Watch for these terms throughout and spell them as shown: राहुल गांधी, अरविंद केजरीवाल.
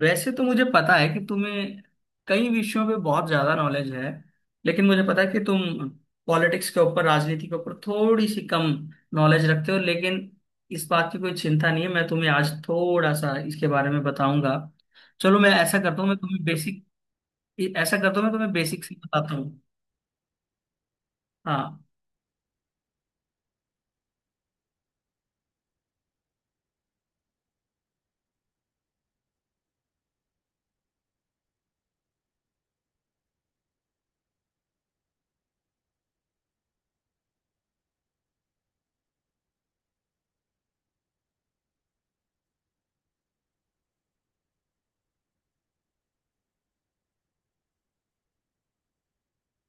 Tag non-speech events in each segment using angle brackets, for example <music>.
वैसे तो मुझे पता है कि तुम्हें कई विषयों पे बहुत ज्यादा नॉलेज है, लेकिन मुझे पता है कि तुम पॉलिटिक्स के ऊपर, राजनीति के ऊपर थोड़ी सी कम नॉलेज रखते हो। लेकिन इस बात की कोई चिंता नहीं है, मैं तुम्हें आज थोड़ा सा इसके बारे में बताऊंगा। चलो, मैं ऐसा करता हूँ मैं तुम्हें बेसिक ऐसा करता हूँ, मैं तुम्हें बेसिक से बताता हूँ। हाँ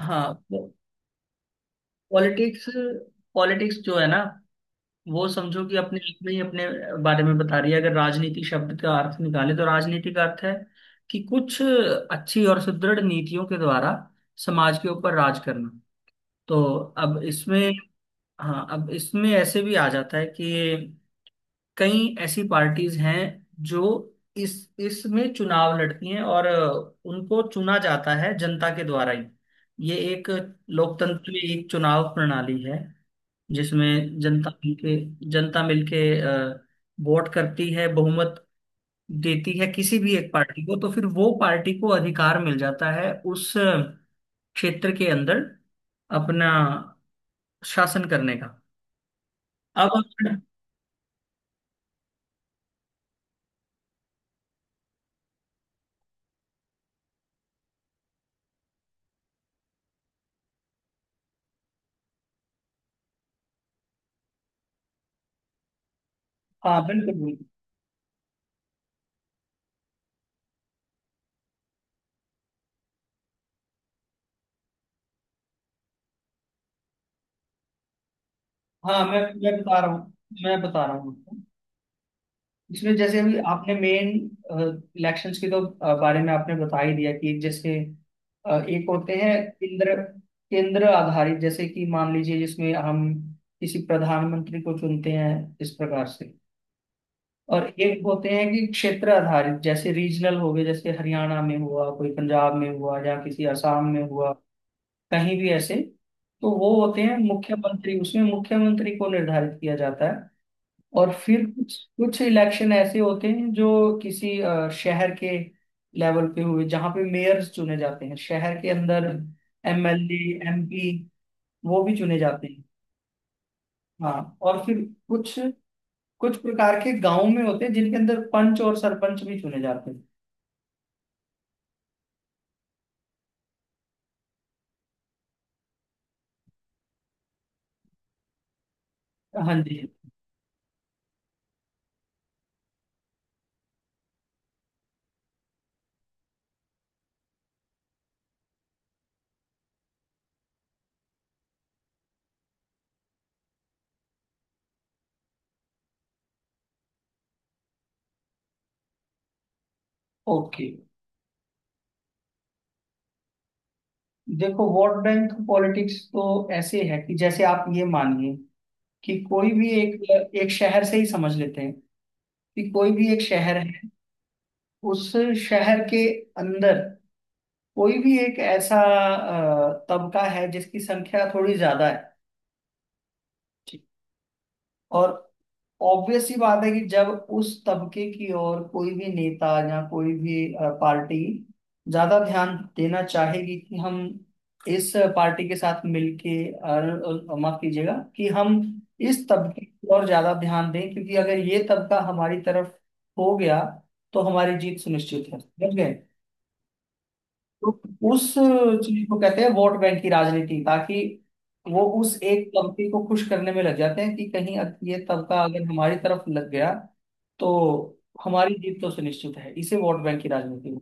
हाँ। पॉलिटिक्स पॉलिटिक्स जो है ना, वो समझो कि अपने आप में ही अपने बारे में बता रही है। अगर राजनीति शब्द का अर्थ निकाले तो राजनीति का अर्थ है कि कुछ अच्छी और सुदृढ़ नीतियों के द्वारा समाज के ऊपर राज करना। तो अब इसमें, हाँ, अब इसमें ऐसे भी आ जाता है कि कई ऐसी पार्टीज हैं जो इस इसमें चुनाव लड़ती हैं, और उनको चुना जाता है जनता के द्वारा ही। ये एक लोकतंत्र में एक चुनाव प्रणाली है जिसमें जनता मिलके वोट करती है, बहुमत देती है किसी भी एक पार्टी को। तो फिर वो पार्टी को अधिकार मिल जाता है उस क्षेत्र के अंदर अपना शासन करने का। अब आप- हाँ बिल्कुल बिल्कुल। हाँ, मैं बता रहा हूँ, मैं बता रहा हूँ आपको। इसमें जैसे अभी आपने मेन इलेक्शंस के तो बारे में आपने बता ही दिया कि जैसे एक होते हैं केंद्र केंद्र आधारित, जैसे कि मान लीजिए जिसमें हम किसी प्रधानमंत्री को चुनते हैं इस प्रकार से। और एक होते हैं कि क्षेत्र आधारित, जैसे रीजनल हो गए, जैसे हरियाणा में हुआ कोई, पंजाब में हुआ या किसी असम में हुआ, कहीं भी ऐसे। तो वो होते हैं मुख्यमंत्री, उसमें मुख्यमंत्री को निर्धारित किया जाता है। और फिर कुछ कुछ इलेक्शन ऐसे होते हैं जो किसी शहर के लेवल पे हुए, जहाँ पे मेयर्स चुने जाते हैं शहर के अंदर। एमएलए एमपी वो भी चुने जाते हैं। हाँ, और फिर कुछ कुछ प्रकार के गांव में होते हैं जिनके अंदर पंच और सरपंच भी चुने जाते हैं। हाँ जी। ओके, देखो वोट बैंक पॉलिटिक्स तो ऐसे है कि जैसे आप ये मानिए कि कोई भी एक एक शहर से ही समझ लेते हैं कि कोई भी एक शहर है। उस शहर के अंदर कोई भी एक ऐसा तबका है जिसकी संख्या थोड़ी ज्यादा है, ठीक। और ऑब्वियस सी बात है कि जब उस तबके की ओर कोई भी नेता या कोई भी पार्टी ज्यादा ध्यान देना चाहेगी कि हम इस पार्टी के साथ मिलके और माफ कीजिएगा, कि हम इस तबके की ओर ज्यादा ध्यान दें क्योंकि अगर ये तबका हमारी तरफ हो गया तो हमारी जीत सुनिश्चित है, समझ गए। तो उस चीज को कहते हैं वोट बैंक की राजनीति, ताकि वो उस एक कंपनी को खुश करने में लग जाते हैं कि कहीं ये तबका अगर हमारी तरफ लग गया तो हमारी जीत तो सुनिश्चित है। इसे वोट बैंक की राजनीति में।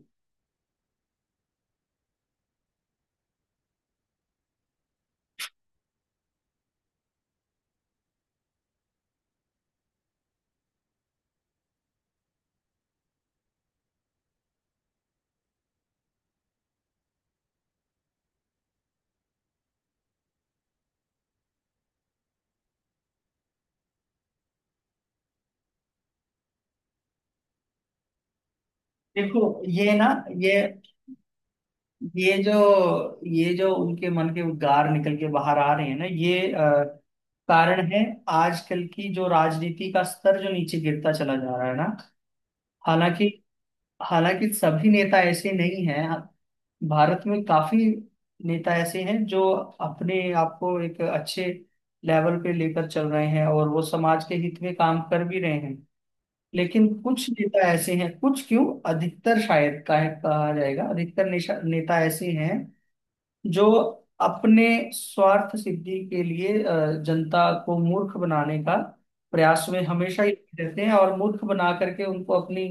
देखो ये ये जो ये जो उनके मन के उद्गार निकल के बाहर आ रहे हैं ना, ये कारण है आजकल की जो राजनीति का स्तर जो नीचे गिरता चला जा रहा है ना। हालांकि, हालांकि सभी नेता ऐसे नहीं हैं। भारत में काफी नेता ऐसे हैं जो अपने आप को एक अच्छे लेवल पे लेकर चल रहे हैं और वो समाज के हित में काम कर भी रहे हैं। लेकिन कुछ नेता ऐसे हैं, कुछ क्यों, अधिकतर शायद कहा कहा जाएगा, अधिकतर नेता ऐसे हैं जो अपने स्वार्थ सिद्धि के लिए जनता को मूर्ख बनाने का प्रयास में हमेशा ही लगे रहते हैं और मूर्ख बना करके उनको अपनी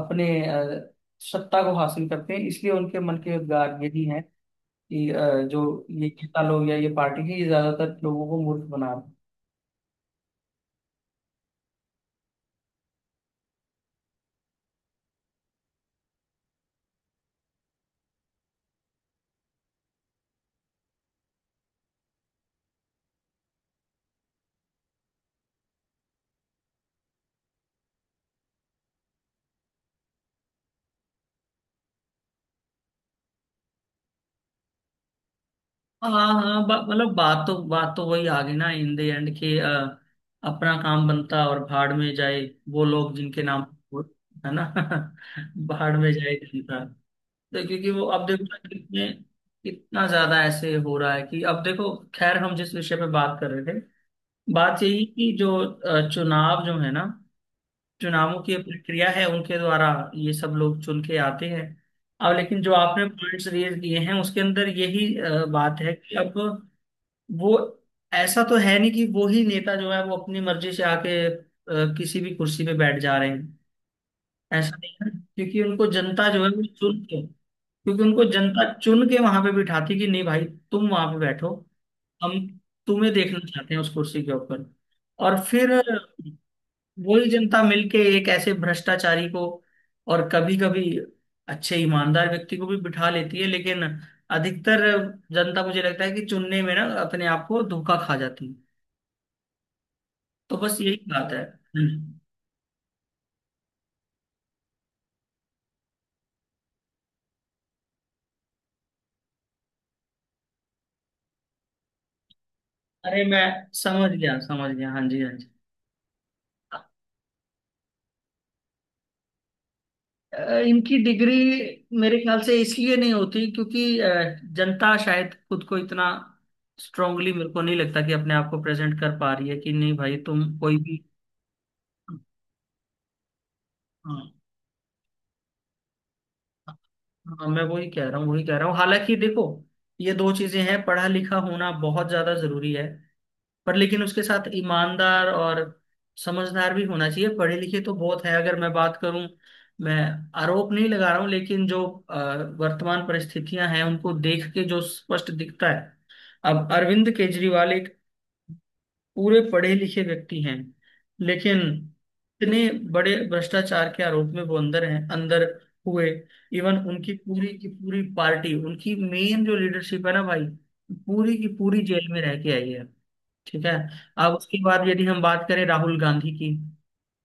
अपने अ, सत्ता को हासिल करते हैं। इसलिए उनके मन के उद्गार यही हैं कि जो ये नेता लोग या ये पार्टी है, ये ज्यादातर लोगों को मूर्ख बना रहे हैं। हाँ हाँ, मतलब बात तो वही आ गई ना इन द एंड, कि अपना काम बनता और भाड़ में जाए वो लोग जिनके नाम, है ना। <laughs> भाड़ में जाए जनता। तो क्योंकि वो, अब देखो ना कितने कितना ज्यादा ऐसे हो रहा है कि अब देखो, खैर हम जिस विषय पे बात कर रहे थे, बात यही कि जो चुनाव जो है ना, चुनावों की प्रक्रिया है, उनके द्वारा ये सब लोग चुन के आते हैं। अब लेकिन जो आपने पॉइंट्स रेज किए हैं उसके अंदर यही बात है कि अब वो, ऐसा तो है नहीं कि वो ही नेता जो है वो अपनी मर्जी से आके किसी भी कुर्सी पे बैठ जा रहे हैं। ऐसा नहीं है क्योंकि उनको जनता जो है वो चुन के, क्योंकि उनको जनता चुन के वहां पे बिठाती कि नहीं भाई तुम वहां पे बैठो, हम तुम्हें देखना चाहते हैं उस कुर्सी के ऊपर। और फिर वही जनता मिलके एक ऐसे भ्रष्टाचारी को और कभी कभी अच्छे ईमानदार व्यक्ति को भी बिठा लेती है। लेकिन अधिकतर जनता मुझे लगता है कि चुनने में ना अपने आप को धोखा खा जाती है। तो बस यही बात है। हम्म। अरे मैं समझ गया समझ गया, हाँ जी हाँ जी। इनकी डिग्री मेरे ख्याल से इसलिए नहीं होती क्योंकि जनता शायद खुद को इतना स्ट्रांगली, मेरे को नहीं लगता कि अपने आप को प्रेजेंट कर पा रही है कि नहीं भाई तुम कोई भी। हाँ हाँ, मैं वही कह रहा हूँ वही कह रहा हूँ। हालांकि देखो, ये दो चीजें हैं, पढ़ा लिखा होना बहुत ज्यादा जरूरी है, पर लेकिन उसके साथ ईमानदार और समझदार भी होना चाहिए। पढ़े लिखे तो बहुत है अगर मैं बात करूं, मैं आरोप नहीं लगा रहा हूँ लेकिन जो अ, वर्तमान परिस्थितियां हैं उनको देख के जो स्पष्ट दिखता है। अब अरविंद केजरीवाल एक पूरे पढ़े लिखे व्यक्ति हैं, लेकिन इतने बड़े भ्रष्टाचार के आरोप में वो अंदर हैं, अंदर हुए। इवन उनकी पूरी की पूरी पार्टी, उनकी मेन जो लीडरशिप है ना भाई, पूरी की पूरी जेल में रह के आई है, ठीक है। अब उसके बाद यदि हम बात करें राहुल गांधी की,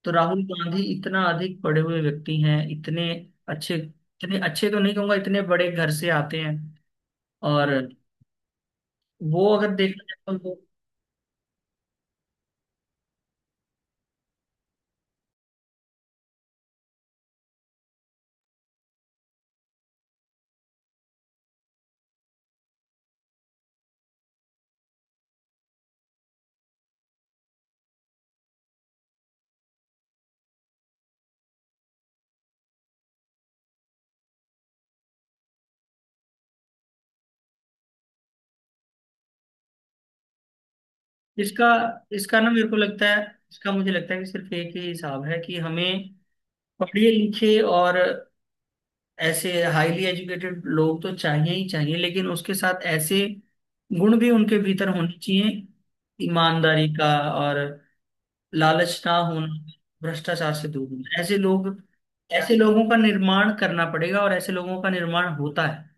तो राहुल गांधी इतना अधिक पढ़े हुए व्यक्ति हैं, इतने अच्छे तो नहीं कहूंगा, इतने बड़े घर से आते हैं। और वो अगर देखा जाए तो वो, इसका इसका ना मेरे को लगता है इसका मुझे लगता है कि सिर्फ एक ही हिसाब है कि हमें पढ़े लिखे और ऐसे हाईली एजुकेटेड लोग तो चाहिए ही चाहिए, लेकिन उसके साथ ऐसे गुण भी उनके भीतर होने चाहिए, ईमानदारी का, और लालच ना होना, भ्रष्टाचार से दूर होना। ऐसे लोगों का निर्माण करना पड़ेगा, और ऐसे लोगों का निर्माण होता है।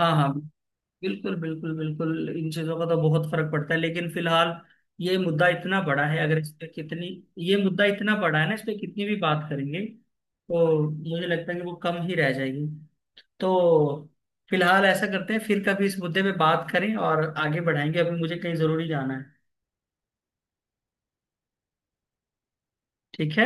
हाँ हाँ, बिल्कुल बिल्कुल, बिल्कुल इन चीजों का तो बहुत फर्क पड़ता है। लेकिन फिलहाल ये मुद्दा इतना बड़ा है अगर इस पे कितनी ये मुद्दा इतना बड़ा है ना, इस पे कितनी भी बात करेंगे तो मुझे लगता है कि वो कम ही रह जाएगी। तो फिलहाल ऐसा करते हैं, फिर कभी इस मुद्दे पे बात करें और आगे बढ़ाएंगे। अभी मुझे कहीं जरूरी जाना है। ठीक है।